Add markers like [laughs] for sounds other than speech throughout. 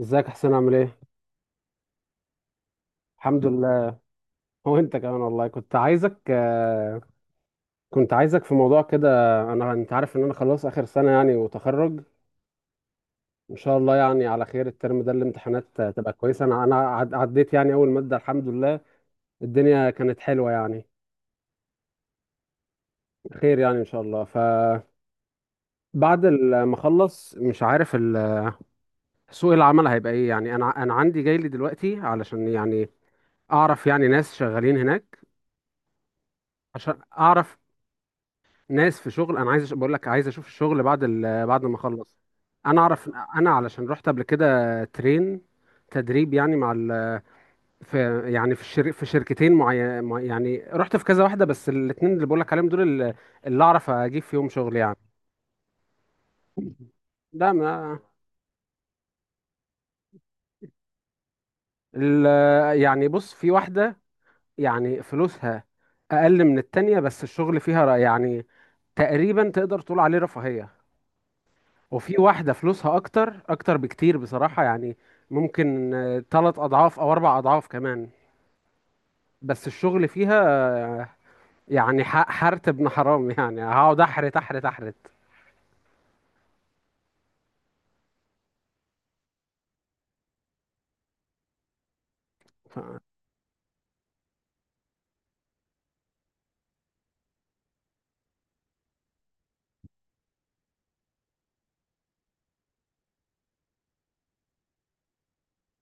ازيك يا حسين عامل ايه؟ الحمد لله. [laughs] وانت كمان والله كنت عايزك في موضوع كده. انت عارف ان انا خلاص اخر سنة، يعني وتخرج ان شاء الله، يعني على خير. الترم ده الامتحانات تبقى كويسة. انا عديت يعني اول مادة الحمد لله. الدنيا كانت حلوة يعني، خير يعني ان شاء الله. فبعد ما اخلص، مش عارف سوق العمل هيبقى ايه. يعني انا عندي جاي لي دلوقتي علشان يعني اعرف، يعني ناس شغالين هناك، عشان اعرف ناس في شغل. انا عايز بقول لك عايز اشوف الشغل بعد ما اخلص. انا اعرف انا علشان رحت قبل كده ترين تدريب يعني في، يعني في شركتين معين، يعني رحت في كذا واحده. بس الاثنين اللي بقول لك عليهم دول اللي اعرف اجيب فيهم شغل يعني. ده ما ال... يعني بص، في واحده يعني فلوسها اقل من التانية، بس الشغل فيها يعني تقريبا تقدر تقول عليه رفاهيه. وفي واحدة فلوسها أكتر أكتر بكتير بصراحة، يعني ممكن تلات أضعاف أو أربع أضعاف كمان، بس الشغل فيها يعني حرت ابن حرام. يعني هقعد أحرت أحرت أحرت. ف...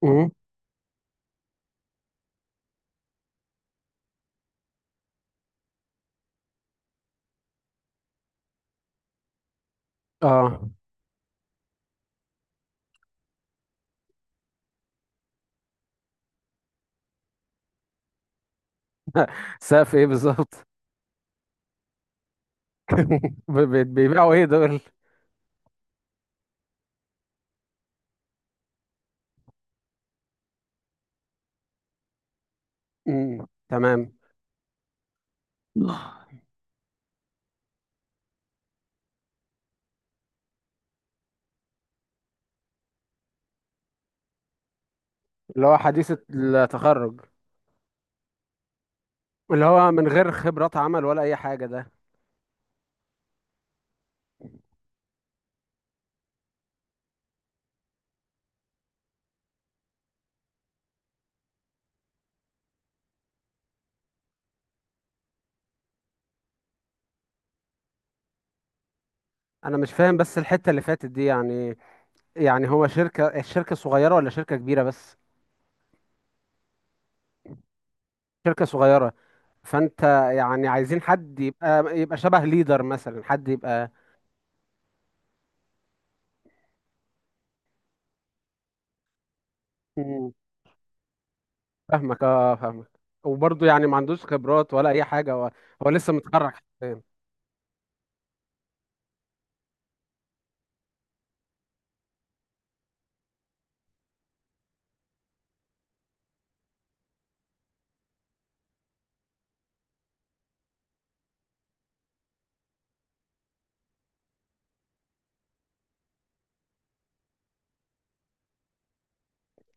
مم. اه، سقف ايه بالظبط؟ بيبيعوا ايه دول؟ مم. تمام. اللي هو حديث التخرج، اللي هو من غير خبرات عمل ولا اي حاجة ده؟ انا مش فاهم بس الحتة اللي فاتت دي، يعني يعني هو الشركة صغيرة ولا شركة كبيرة بس؟ شركة صغيرة. فانت يعني عايزين حد يبقى شبه ليدر مثلا، حد يبقى. مم. فاهمك اه فاهمك. وبرضه يعني ما عندوش خبرات ولا اي حاجة هو، هو لسه متخرج حرفياً.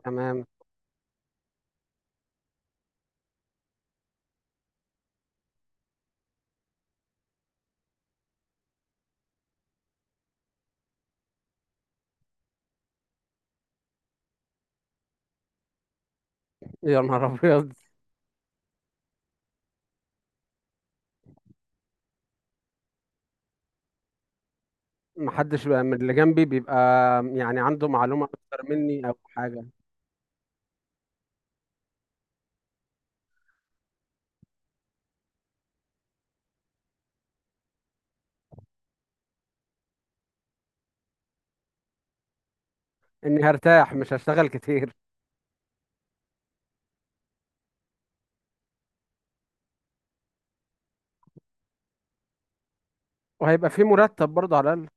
تمام. [laughs] يا نهار ابيض. ما حدش بقى من اللي جنبي بيبقى يعني عنده معلومة اكتر مني او حاجة. اني هرتاح مش هشتغل كتير، وهيبقى في مرتب برضه على الاقل.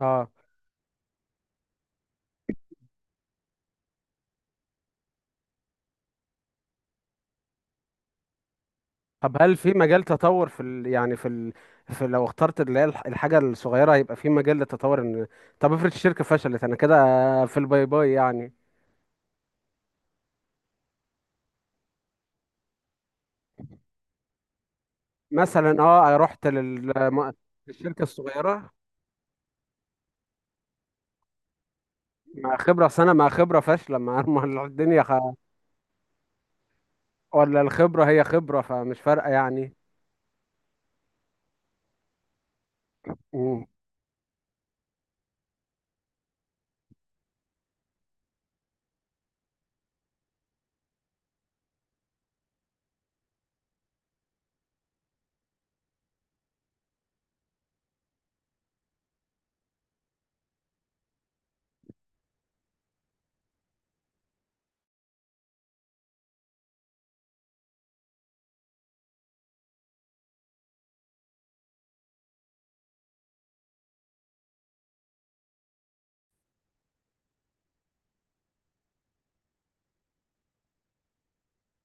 اه. طب هل في مجال تطور في ال... يعني في ال... في، لو اخترت اللي هي الحاجة الصغيرة، هيبقى في مجال للتطور؟ ان طب افرض الشركة فشلت انا كده في الباي باي يعني. مثلا اه رحت للشركة الصغيرة مع خبرة سنة، مع خبرة فاشلة، مع [laughs] ولا الخبرة هي خبرة فمش فارقة يعني؟ مم.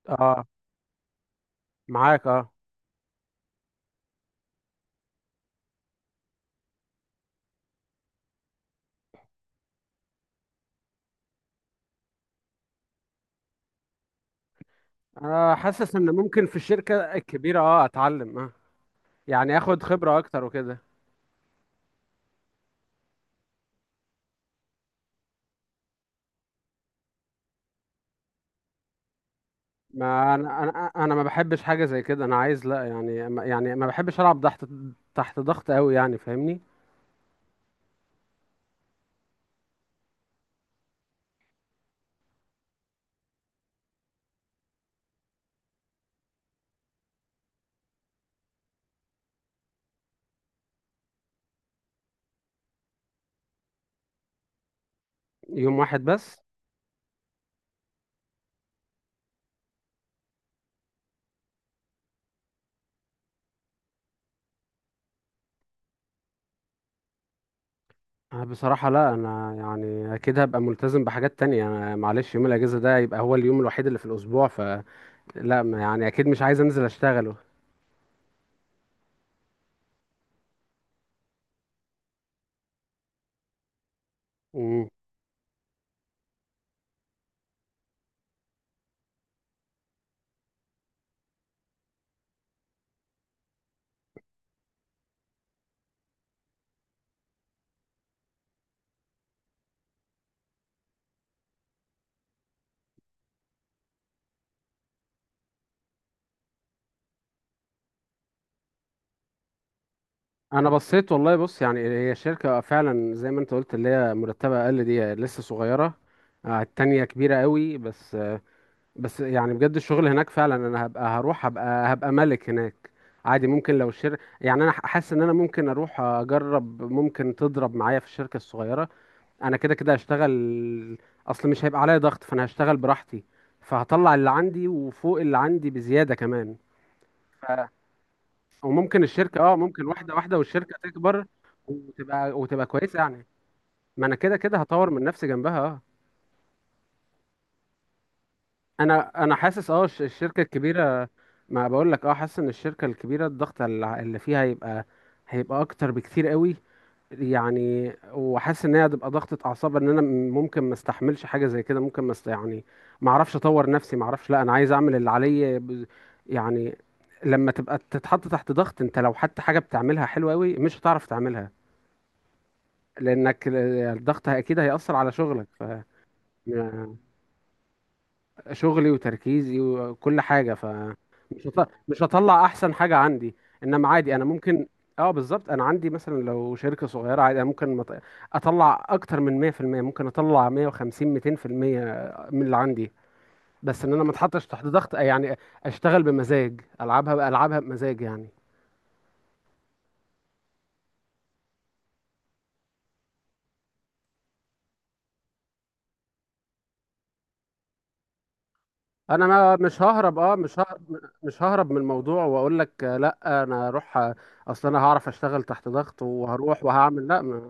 اه، معاك اه. انا حاسس ان ممكن في الشركة الكبيرة اه اتعلم اه، يعني اخد خبرة اكتر وكده. ما انا ما بحبش حاجه زي كده. انا عايز، لا يعني يعني ما بحبش العب تحت ضغط قوي، يعني فاهمني. يوم واحد بس؟ أنا بصراحه لا، انا يعني اكيد هبقى ملتزم بحاجات تانية. انا معلش يوم الاجازه ده يبقى هو اليوم الوحيد اللي في الاسبوع، فلا يعني اكيد مش عايز انزل اشتغله. مم. انا بصيت والله. بص، يعني هي الشركه فعلا زي ما انت قلت، اللي هي مرتبه اقل دي لسه صغيره. آه، التانية كبيره قوي، بس بس يعني بجد الشغل هناك فعلا. انا هبقى هروح، هبقى ملك هناك عادي. ممكن لو يعني انا حاسس ان انا ممكن اروح اجرب، ممكن تضرب معايا في الشركة الصغيرة. انا كده كده هشتغل. اصل مش هيبقى عليا ضغط فانا هشتغل براحتي، فهطلع اللي عندي وفوق اللي عندي بزيادة كمان. ف... وممكن الشركة اه ممكن واحدة واحدة والشركة تكبر، وتبقى كويسة يعني. ما انا كده كده هطور من نفسي جنبها اه. انا حاسس اه الشركه الكبيره، ما بقول لك اه، حاسس ان الشركه الكبيره الضغط اللي فيها هيبقى، هيبقى اكتر بكتير قوي. يعني وحاسس ان هي هتبقى ضغطه اعصاب، ان انا ممكن ما استحملش حاجه زي كده. ممكن ما است... يعني ما اعرفش اطور نفسي، ما اعرفش. لا انا عايز اعمل اللي عليا يعني. لما تبقى تتحط تحت ضغط، انت لو حتى حاجه بتعملها حلوه قوي مش هتعرف تعملها، لانك الضغط اكيد هيأثر على شغلك. ف شغلي وتركيزي وكل حاجة. ف مش هطلع احسن حاجة عندي. انما عادي انا ممكن، اه بالظبط، انا عندي مثلا لو شركة صغيرة عادي انا ممكن اطلع اكتر من 100% ممكن اطلع 150 200% من اللي عندي. بس ان انا ما اتحطش تحت ضغط يعني، اشتغل بمزاج، العبها العبها بمزاج يعني. انا ما مش ههرب اه مش ههرب مش ههرب من الموضوع، واقول لك لا، انا اروح اصل انا هعرف اشتغل تحت ضغط وهروح وهعمل. لا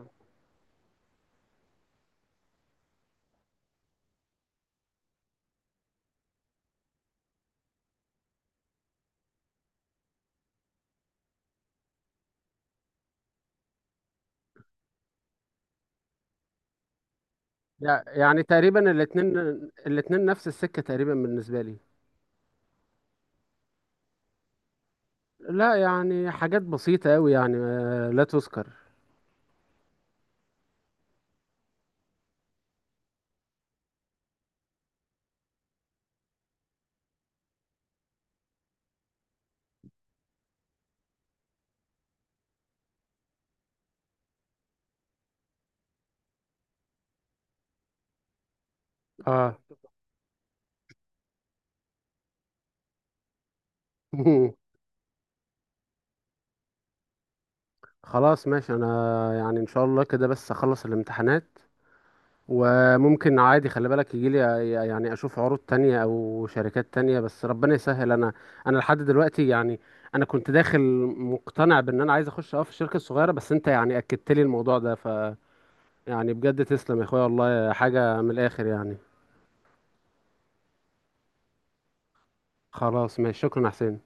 يعني تقريبا الاتنين، الاتنين نفس السكة تقريبا بالنسبة لي. لا يعني حاجات بسيطة أوي، يعني لا تذكر. اه. [laughs] خلاص ماشي. انا يعني ان شاء الله كده بس اخلص الامتحانات. وممكن عادي، خلي بالك، يجيلي يعني اشوف عروض تانية او شركات تانية. بس ربنا يسهل. انا انا لحد دلوقتي يعني انا كنت داخل مقتنع بان انا عايز اخش اه في الشركة الصغيرة، بس انت يعني اكدت لي الموضوع ده. ف يعني بجد تسلم يا اخويا والله، حاجة من الاخر يعني. خلاص ماشي، شكرا يا حسين.